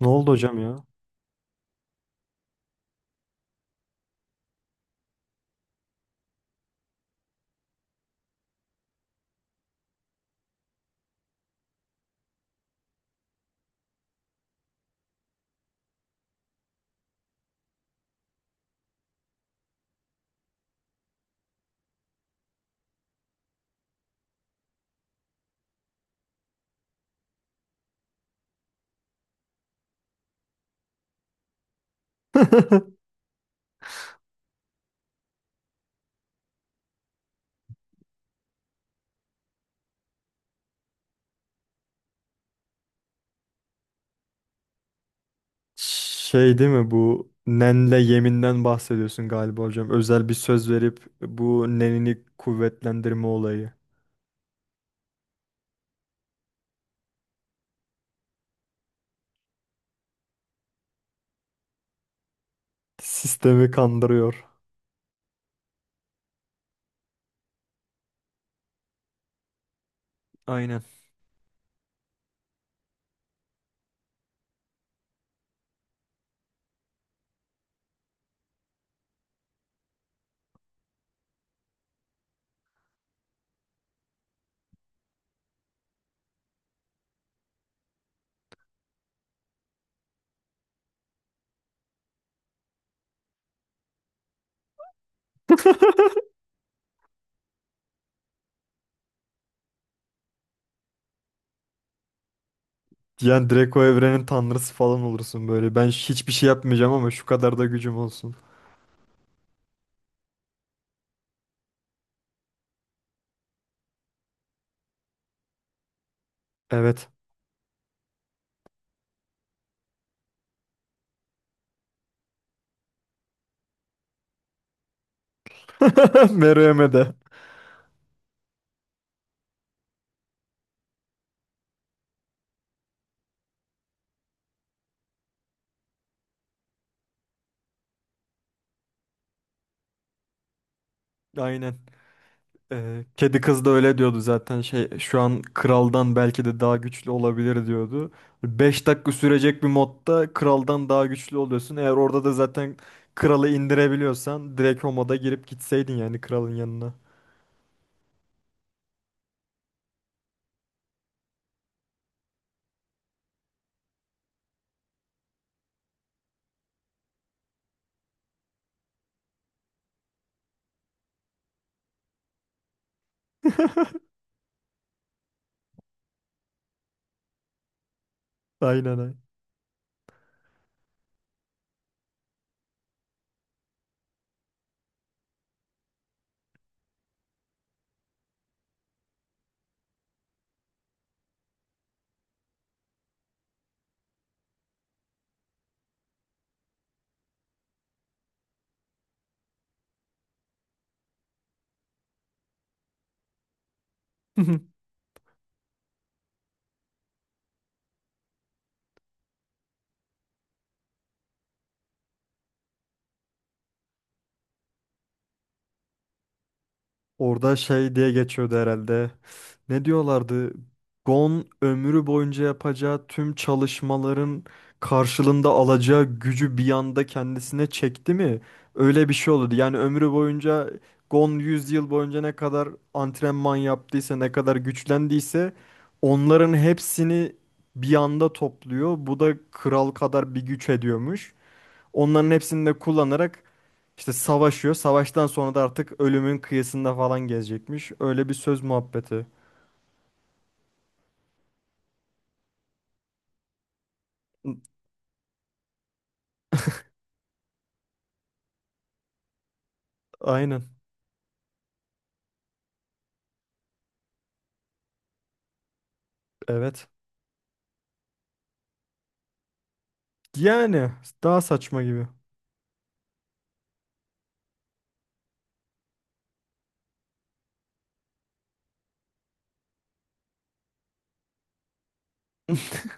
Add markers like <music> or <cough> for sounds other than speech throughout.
Ne oldu hocam ya? <laughs> Şey değil mi, bu nenle yeminden bahsediyorsun galiba hocam. Özel bir söz verip bu nenini kuvvetlendirme olayı. Sistemi kandırıyor. Aynen. Yani direkt o evrenin tanrısı falan olursun böyle. Ben hiçbir şey yapmayacağım ama şu kadar da gücüm olsun. Evet. <laughs> Meruem'e de. Aynen. Kedi kız da öyle diyordu zaten, şey, şu an kraldan belki de daha güçlü olabilir diyordu. 5 dakika sürecek bir modda kraldan daha güçlü oluyorsun. Eğer orada da zaten kralı indirebiliyorsan direkt o moda girip gitseydin yani kralın yanına. <laughs> Aynen aynen. <laughs> Orada şey diye geçiyordu herhalde. Ne diyorlardı? Gon ömrü boyunca yapacağı tüm çalışmaların karşılığında alacağı gücü bir anda kendisine çekti mi? Öyle bir şey olurdu. Yani ömrü boyunca Gon 100 yıl boyunca ne kadar antrenman yaptıysa, ne kadar güçlendiyse onların hepsini bir anda topluyor. Bu da kral kadar bir güç ediyormuş. Onların hepsini de kullanarak işte savaşıyor. Savaştan sonra da artık ölümün kıyısında falan gezecekmiş. Öyle bir söz muhabbeti. <laughs> Aynen. Evet. Yani daha saçma gibi. <laughs>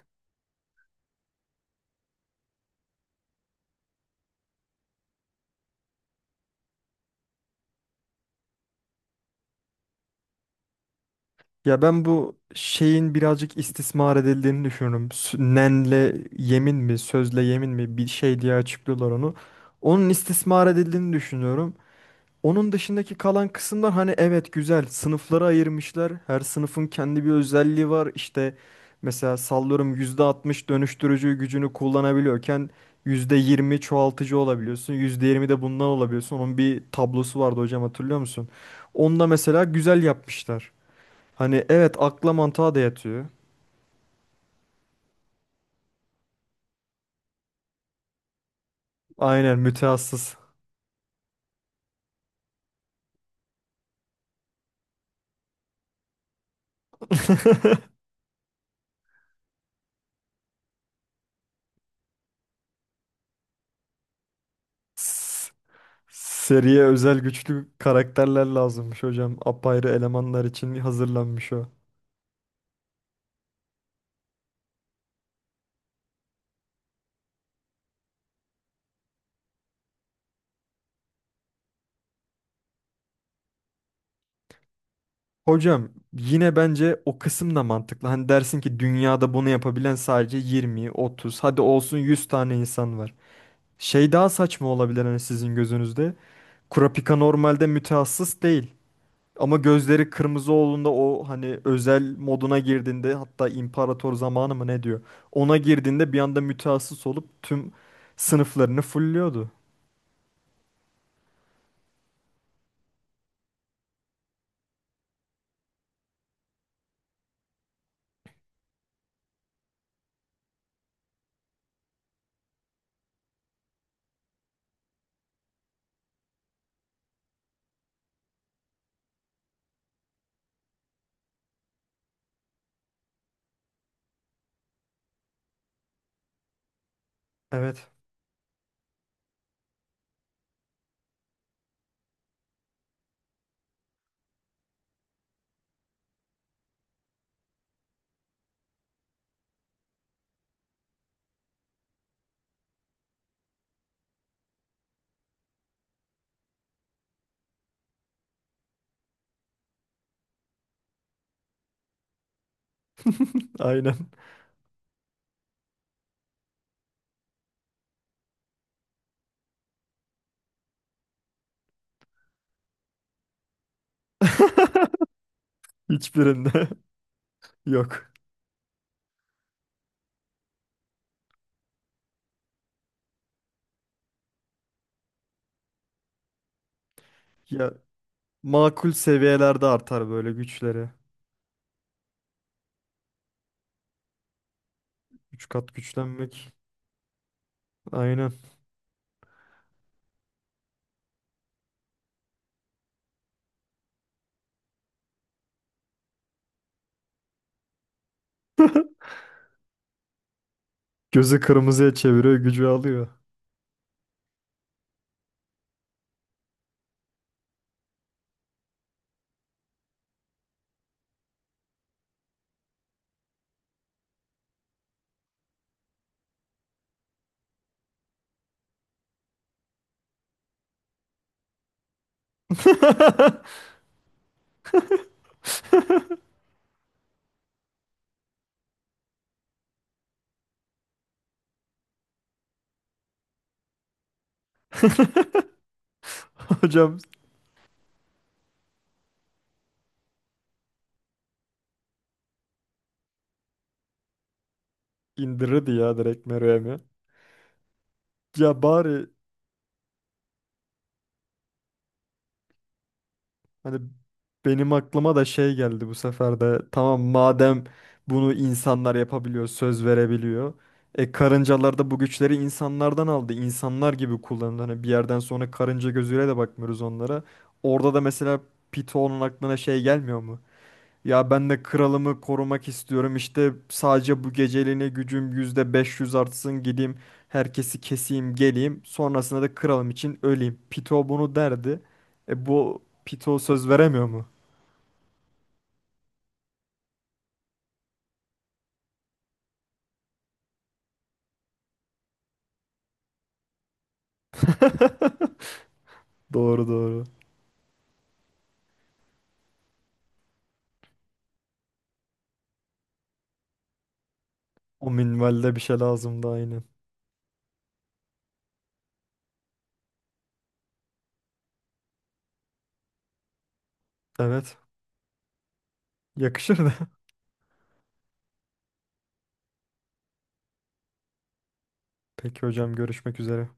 Ya ben bu şeyin birazcık istismar edildiğini düşünüyorum. Nenle yemin mi, sözle yemin mi bir şey diye açıklıyorlar onu. Onun istismar edildiğini düşünüyorum. Onun dışındaki kalan kısımlar, hani, evet, güzel sınıflara ayırmışlar. Her sınıfın kendi bir özelliği var. İşte mesela sallıyorum, %60 dönüştürücü gücünü kullanabiliyorken %20 çoğaltıcı olabiliyorsun. %20 de bundan olabiliyorsun. Onun bir tablosu vardı hocam, hatırlıyor musun? Onu da mesela güzel yapmışlar. Hani evet, akla mantığa da yatıyor. Aynen, mütehassıs. S- Seriye özel güçlü karakterler lazımmış hocam. Apayrı elemanlar için hazırlanmış o. Hocam yine bence o kısım da mantıklı. Hani dersin ki dünyada bunu yapabilen sadece 20, 30, hadi olsun 100 tane insan var. Şey daha saçma olabilir hani sizin gözünüzde. Kurapika normalde mütehassıs değil. Ama gözleri kırmızı olduğunda o, hani, özel moduna girdiğinde, hatta imparator zamanı mı ne diyor? Ona girdiğinde bir anda mütehassıs olup tüm sınıflarını fulluyordu. Evet, <laughs> aynen. <laughs> Hiçbirinde <laughs> yok. Ya makul seviyelerde artar böyle güçleri. 3 kat güçlenmek. Aynen. Gözü kırmızıya çeviriyor, gücü alıyor. <laughs> Hocam indirirdi ya direkt Meruem'i. Ya bari, hani, benim aklıma da şey geldi bu sefer de. Tamam, madem bunu insanlar yapabiliyor, söz verebiliyor. E karıncalar da bu güçleri insanlardan aldı. İnsanlar gibi kullanıldı. Hani bir yerden sonra karınca gözüyle de bakmıyoruz onlara. Orada da mesela Pito'nun aklına şey gelmiyor mu? Ya ben de kralımı korumak istiyorum. İşte sadece bu geceliğine gücüm %500 artsın, gideyim. Herkesi keseyim, geleyim. Sonrasında da kralım için öleyim. Pito bunu derdi. E bu Pito söz veremiyor mu? <laughs> Doğru doğru. O minvalde bir şey lazımdı aynen. Evet. Yakışır da. <laughs> Peki hocam, görüşmek üzere.